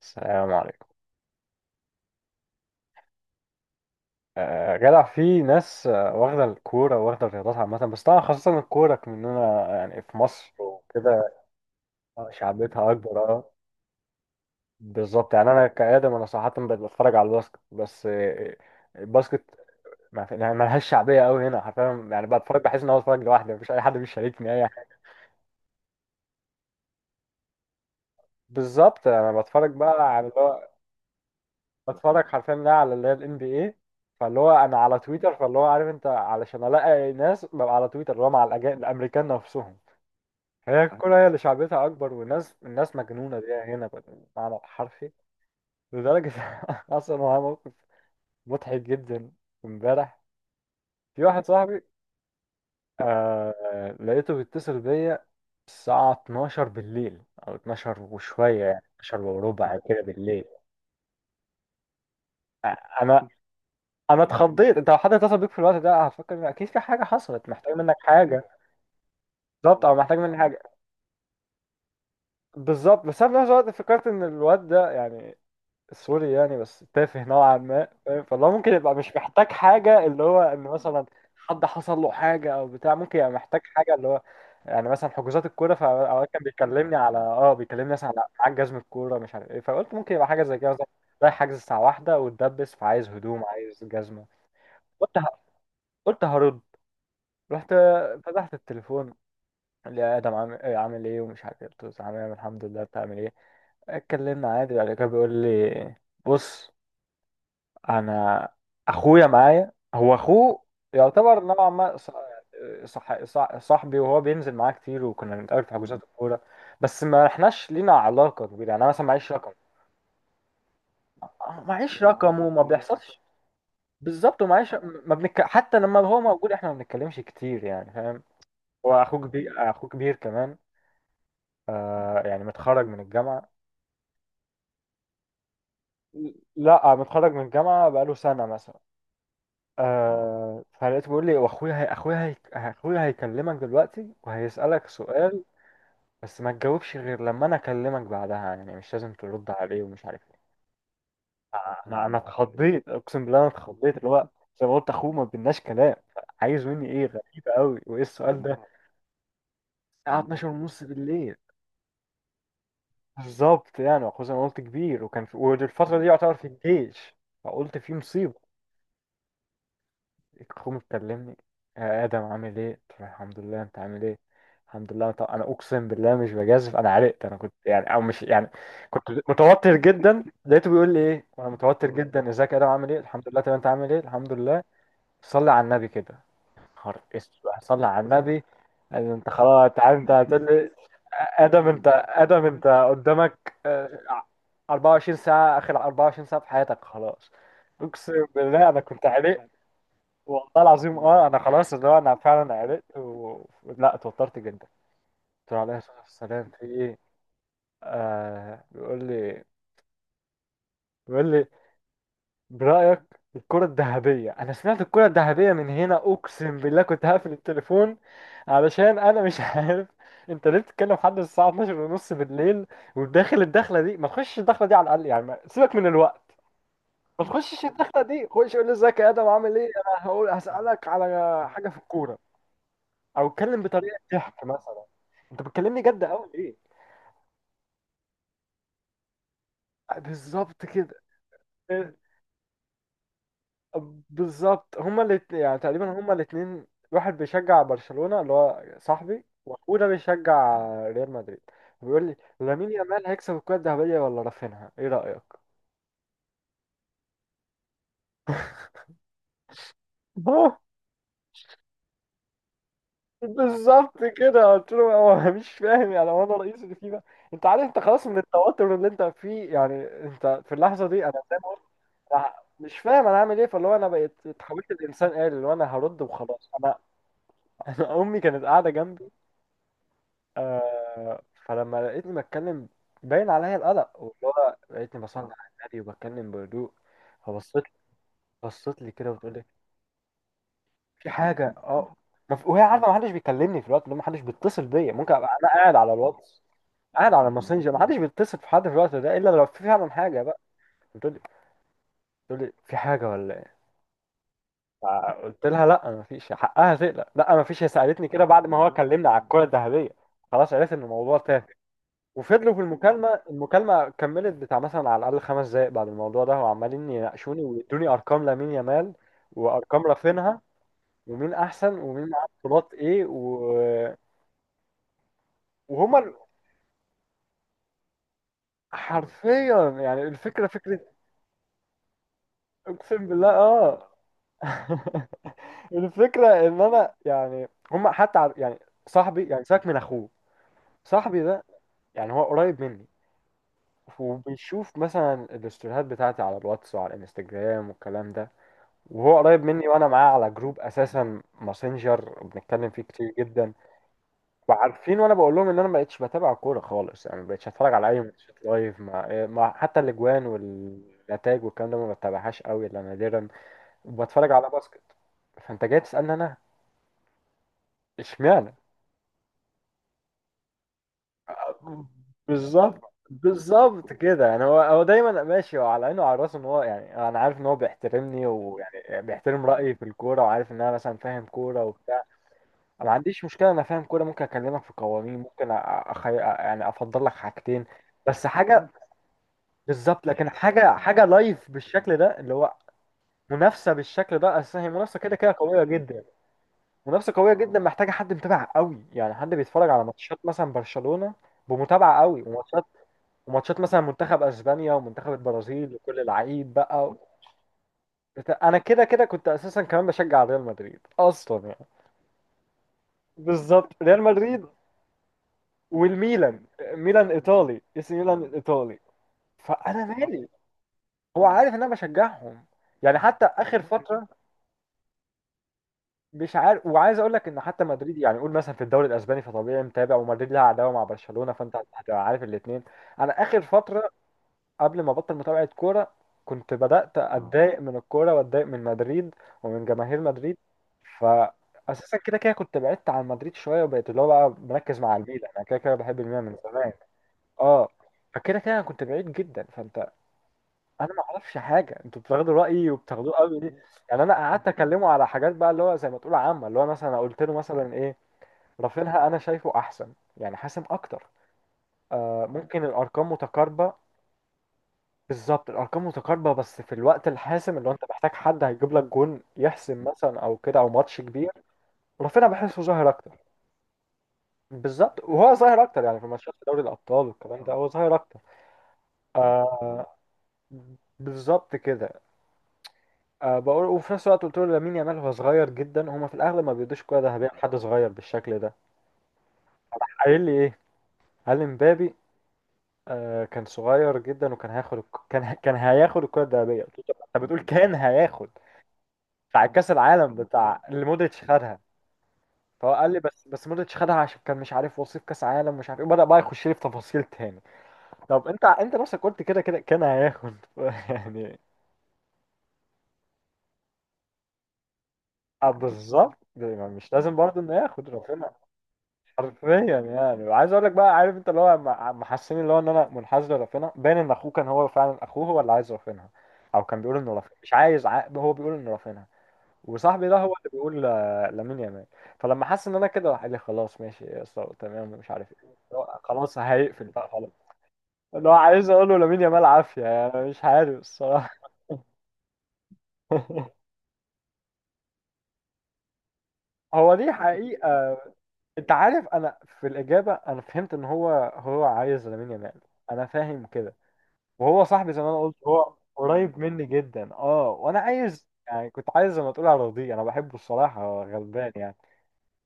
السلام عليكم. جدع في ناس، واخدة الكورة واخدة الرياضات عامة، بس طبعا خاصة الكورة مننا يعني في مصر وكده. شعبيتها أكبر، اه. بالظبط، يعني أنا كآدم، أنا صراحة بقيت بتفرج على الباسكت بس. الباسكت ما في- يعني ملهاش شعبية أوي هنا، حرفيا يعني بتفرج بحس إن أنا بتفرج لوحدي، مفيش أي حد بيشاركني أي حاجة. بالظبط. أنا بتفرج بقى على اللي هو بتفرج حرفيا بقى على اللي هي ال NBA، فاللي هو انا على تويتر، فاللي هو عارف انت علشان الاقي ناس، ببقى على تويتر اللي هو مع الامريكان نفسهم. هي الكرة هي اللي شعبيتها أكبر، والناس، الناس مجنونة بيها هنا بالمعنى الحرفي، لدرجة. أصلا هو موقف مضحك جدا. امبارح في واحد صاحبي، لقيته بيتصل بيا الساعة 12 بالليل، أو 12 وشوية، يعني 12 وربع كده بالليل. أنا أنا اتخضيت. أنت لو حد اتصل بيك في الوقت ده هفكر إن أكيد في حاجة حصلت، محتاج منك حاجة. بالظبط، أو محتاج مني حاجة. بالظبط. بس أنا في نفس الوقت فكرت إن الواد ده يعني سوري، يعني بس تافه نوعا ما، فاهم. فاللي هو ممكن يبقى مش محتاج حاجة، اللي هو إن مثلا حد حصل له حاجة أو بتاع، ممكن يبقى محتاج حاجة، اللي هو يعني مثلا حجوزات الكورة. فأوقات كان بيكلمني مثلا على معاك جزم الكورة مش عارف إيه، فقلت ممكن يبقى حاجة زي كده مثلا، رايح حجز الساعة واحدة واتدبس، فعايز هدوم، عايز جزمة. قلت ه... قلت هرد. رحت فتحت التليفون. قال لي يا آدم، عامل إيه عامل إيه ومش عارف إيه، قلت له عامل إيه الحمد لله، بتعمل إيه. اتكلمنا عادي، بعد كده بيقول لي، بص، انا اخويا معايا، هو اخوه يعتبر نوعا ما صح صح صاحبي، وهو بينزل معاه كتير وكنا بنتقابل في حجوزات الكوره، بس ما احناش لينا علاقه كبيره. يعني انا مثلا معيش رقم، معيش رقم وما بيحصلش. بالظبط، ومعيش ما بنك... حتى لما هو موجود احنا ما بنتكلمش كتير يعني، فاهم. هو اخوه كبير، اخوه كبير كمان. يعني متخرج من الجامعه، لا متخرج من الجامعه بقاله سنه مثلا. فلقيته بيقول لي، واخويا هي اخويا هي اخويا هيكلمك دلوقتي وهيسألك سؤال، بس ما تجاوبش غير لما انا اكلمك بعدها، يعني مش لازم ترد عليه، ومش عارف ايه. انا اتخضيت، اقسم بالله انا اتخضيت، اللي هو زي ما قلت اخوه ما بيناش كلام، عايز مني ايه؟ غريبة قوي، وايه السؤال ده؟ الساعة 12 ونص بالليل. بالظبط. يعني واخوه زي ما قلت كبير، وكان في، والفترة دي يعتبر في الجيش. فقلت في مصيبة. اخوه بتكلمني، يا ادم عامل ايه، قلت له الحمد لله انت عامل ايه، الحمد لله. طب انا اقسم بالله مش بجازف، انا عرقت، انا كنت يعني او مش يعني، كنت متوتر جدا. لقيته بيقول لي ايه وانا متوتر جدا، ازيك يا ادم عامل ايه، الحمد لله، طب انت عامل ايه، الحمد لله، صلي على النبي كده. خر اسود، صلي على النبي. قال لي انت خلاص انت عارف انت هتقول لي، ادم، انت ادم، انت قدامك 24 ساعه، اخر 24 ساعه في حياتك، خلاص. اقسم بالله انا كنت عرقت، والله العظيم اه، انا خلاص، اللي هو انا فعلا عرقت لا اتوترت جدا. قلت له عليه الصلاه والسلام في ايه. آه بيقول لي بيقول لي برايك الكره الذهبيه. انا سمعت الكره الذهبيه من هنا، اقسم بالله كنت هقفل التليفون، علشان انا مش عارف. انت ليه بتتكلم لحد الساعه 12 ونص بالليل، وداخل الدخله دي؟ ما تخشش الدخله دي على الاقل يعني، سيبك من الوقت، ما تخشش الدخله دي، خش قول لي ازيك يا ادم عامل ايه، انا هقول هسالك على حاجه في الكوره، او اتكلم بطريقه ضحك مثلا. انت بتكلمني جد قوي ليه؟ بالظبط كده. بالظبط، هما الاتنين يعني تقريبا، هما الاتنين، واحد بيشجع برشلونة اللي هو صاحبي، واخوه ده بيشجع ريال مدريد. بيقول لي، لامين يامال هيكسب الكرة الذهبية ولا رافينها، ايه رأيك؟ اه. بالظبط كده، قلت له، هو مش فاهم يعني، هو انا رئيس اللي فيه بقى؟ انت عارف، انت خلاص من التوتر اللي انت فيه يعني، انت في اللحظة دي انا فاهم، مش فاهم انا عامل ايه، فاللي هو انا بقيت اتحولت لانسان آلي، اللي هو انا هرد وخلاص انا. انا امي كانت قاعده جنبي. فلما لقيتني بتكلم، باين عليا القلق، واللي هو لقيتني بصلي على النبي وبتكلم بهدوء، فبصت. بصت لي كده وتقول لي، في حاجه؟ اه. ما في- وهي عارفه ما حدش بيكلمني في الوقت ده، ما حدش بيتصل بيا، ممكن ابقى انا قاعد على الواتس، قاعد على الماسنجر، ما حدش بيتصل في حد في الوقت ده الا لو في فعلا حاجه بقى. بتقول لي بتقول لي في حاجه ولا؟ فقلت لها لا ما فيش، حقها تقلق، لا ما فيش، هي سالتني كده بعد ما هو كلمنا على الكره الذهبيه، خلاص عرفت ان الموضوع تافه. وفضلوا في المكالمه كملت بتاع مثلا على الاقل 5 دقائق بعد الموضوع ده، وعمالين يناقشوني ويدوني ارقام لامين يامال وارقام رافينها، ومين احسن ومين معاه بطولات ايه وهما ال- حرفيا يعني الفكره فكره، اقسم بالله اه. الفكره ان انا يعني هما حتى يعني صاحبي يعني ساك من اخوه، صاحبي ده يعني هو قريب مني، وبيشوف مثلا الاستوريهات بتاعتي على الواتس وعلى الانستجرام والكلام ده، وهو قريب مني، وانا معاه على جروب اساسا ماسنجر بنتكلم فيه كتير جدا، وعارفين، وانا بقول لهم ان انا ما بقتش بتابع كوره خالص، يعني ما بقتش اتفرج على اي ماتشات لايف، حتى الاجوان والنتائج والكلام ده ما بتابعهاش قوي الا نادرا، وبتفرج على باسكت. فانت جاي تسالني انا، اشمعنى؟ بالظبط. بالظبط كده، يعني هو دايما ماشي هو على عينه وعلى راسه ان هو، يعني انا عارف ان هو بيحترمني، ويعني بيحترم رايي في الكوره، وعارف ان انا مثلا فاهم كوره وبتاع. أنا ما عنديش مشكله، انا فاهم كوره، ممكن اكلمك في قوانين، ممكن يعني افضل لك حاجتين بس، حاجه. بالظبط، لكن حاجه لايف بالشكل ده، اللي هو منافسه بالشكل ده، اصل هي منافسه كده كده قويه جدا، منافسه قويه جدا محتاجه حد متابع قوي، يعني حد بيتفرج على ماتشات مثلا برشلونه بمتابعه قوي، وماتشات، وماتشات مثلا منتخب اسبانيا ومنتخب البرازيل وكل العقيد بقى. انا كده كده كنت اساسا كمان بشجع ريال مدريد اصلا يعني. بالظبط، ريال مدريد والميلان. ميلان ايطالي، اسم ميلان الايطالي، فانا مالي. هو عارف ان انا بشجعهم. يعني حتى اخر فتره مش عارف، وعايز اقول لك ان حتى مدريد يعني، قول مثلا في الدوري الاسباني، فطبيعي متابع، ومدريد لها عداوه مع برشلونه، فانت هتبقى عارف الاثنين. انا اخر فتره قبل ما ابطل متابعة كورة كنت بدأت اتضايق من الكورة، واتضايق من مدريد، ومن جماهير مدريد، فاساسا كده كده كنت بعدت عن مدريد شوية، وبقيت اللي هو بقى مركز مع الميلان، انا كده كده بحب الميلان من زمان اه. فكده كده انا كنت بعيد جدا. فانت، انا ما اعرفش حاجه، انتوا بتاخدوا رايي وبتاخدوه قوي ليه؟ يعني انا قعدت اكلمه على حاجات بقى، اللي هو زي ما تقول عامه، اللي هو مثلا قلت له مثلا ايه، رافينها انا شايفه احسن، يعني حاسم اكتر. آه، ممكن الارقام متقاربه، بالظبط الارقام متقاربه، بس في الوقت الحاسم، اللي هو انت محتاج حد هيجيب لك جون يحسم مثلا او كده، او ماتش كبير. رافينيا بحسه ظاهر اكتر. بالظبط، وهو ظاهر اكتر يعني في ماتشات دوري الابطال والكلام ده، هو ظاهر اكتر. آه. بالظبط كده. بقول، وفي نفس الوقت قلت له، لامين يامال هو صغير جدا، هما في الاغلب ما بيدوش كوره ذهبيه لحد صغير بالشكل ده. راح قايل لي ايه، قال لي مبابي، كان صغير جدا وكان هياخد كان هياخد الكره الذهبيه. قلت له طب انت بتقول كان هياخد، بتاع كاس العالم، بتاع اللي مودريتش خدها. فهو قال لي بس مودريتش خدها عشان كان مش عارف، وصيف كاس عالم مش عارف ايه، بدأ بقى يخش لي في تفاصيل تاني. طب انت نفسك قلت كده كده كان هياخد. يعني اه، بالظبط يعني مش لازم برضه انه ياخد رافينا. حرفيا. يعني وعايز اقول لك بقى، عارف انت اللي هو محسسني اللي هو ان انا منحاز لرافينا، باين ان اخوه كان هو فعلا اخوه، هو اللي عايز رافينا، او كان بيقول انه رافينا مش عايز هو بيقول انه رافينا، وصاحبي ده هو اللي بيقول لامين يامال. فلما حس ان انا كده راح قال لي خلاص ماشي يا اسطى تمام ومش عارف ايه. خلاص هيقفل بقى خلاص. اللي هو عايز اقوله لامين يامال عافيه، يعني مش عارف الصراحه. هو دي حقيقه. انت عارف، انا في الاجابه انا فهمت ان هو هو عايز لامين يامال، انا فاهم كده. وهو صاحبي زي ما انا قلت هو قريب مني جدا اه، وانا عايز يعني كنت عايز زي ما تقول ارضيه، انا بحبه الصراحه هو غلبان يعني.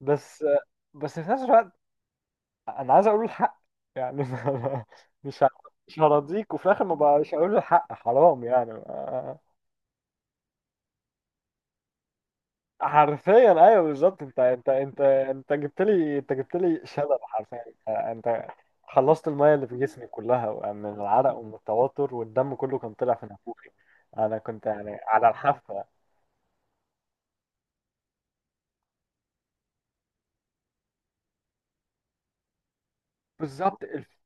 بس بس في نفس الوقت انا عايز اقول له الحق، يعني. مش ه- مش هرضيك، وفي الاخر ما بقاش هقول له الحق حرام يعني. حرفيا، ايوه بالظبط. انت جبت لي، شلل حرفيا انت. خلصت الميه اللي في جسمي كلها من العرق ومن التوتر، والدم كله كان طلع في نافوخي، انا كنت يعني على الحافه. بالظبط.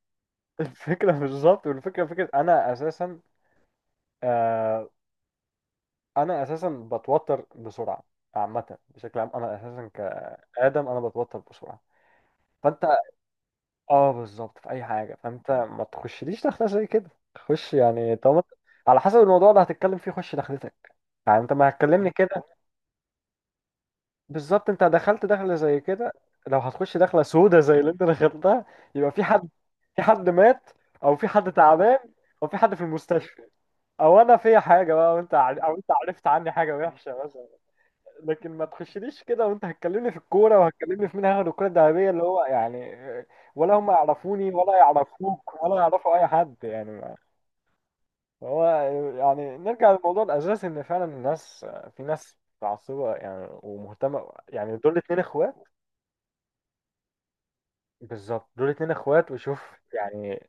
الفكره بالظبط، والفكره فكره انا اساسا. آه، انا اساسا بتوتر بسرعه عامه، بشكل عام انا اساسا كادم انا بتوتر بسرعه. فانت اه بالظبط في اي حاجه. فانت ما تخشليش دخله زي كده، خش يعني طالما، على حسب الموضوع اللي هتتكلم فيه خش دخلتك. يعني انت ما هتكلمني كده. بالظبط. انت دخلت دخله زي كده، لو هتخش دخله سودة زي اللي انت دخلتها يبقى في حد في حد مات، او في حد تعبان، او في حد في المستشفى، او انا فيا حاجه بقى، او انت عرفت عني حاجه وحشه. لكن ما تخشليش كده وانت هتكلمني في الكوره وهتكلمني في مين هياخد الكوره الذهبيه اللي هو يعني، ولا هم يعرفوني ولا يعرفوك ولا يعرفوا اي حد يعني هو. يعني نرجع للموضوع الاساسي، ان فعلا الناس، في ناس متعصبه يعني، ومهتمه يعني، دول اتنين اخوات. بالظبط دول اتنين اخوات، وشوف يعني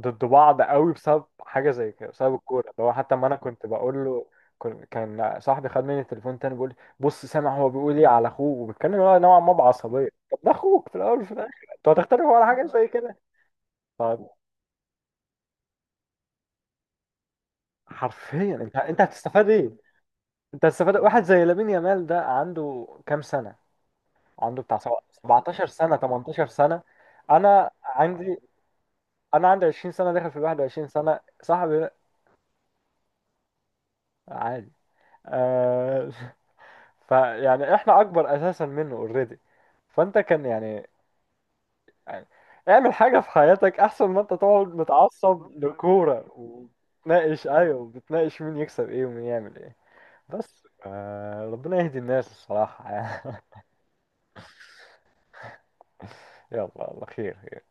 ضد بعض قوي بسبب حاجه زي كده، بسبب الكوره. اللي هو حتى ما انا كنت بقول له، كان صاحبي خد مني التليفون تاني بيقول لي بص سامع هو بيقول ايه على اخوه وبيتكلم هو نوعا ما بعصبيه، طب ده اخوك في الاول وفي الاخر، انتوا هتختلفوا على حاجه زي كده؟ طب حرفيا، انت هتستفاد ايه؟ انت هتستفاد، واحد زي لامين يامال ده عنده كام سنه؟ عنده بتاع 17 سنه، 18 سنه. انا عندي انا عندي 20 سنه، داخل في 21 سنه. صاحبي ده عادي آه. فيعني احنا اكبر اساسا منه اوريدي. فانت كان يعني، يعني اعمل حاجه في حياتك احسن ما انت تقعد متعصب لكوره وتناقش، ايوه بتناقش مين يكسب ايه ومين يعمل ايه. بس آه، ربنا يهدي الناس الصراحه يعني. يلا الله خير.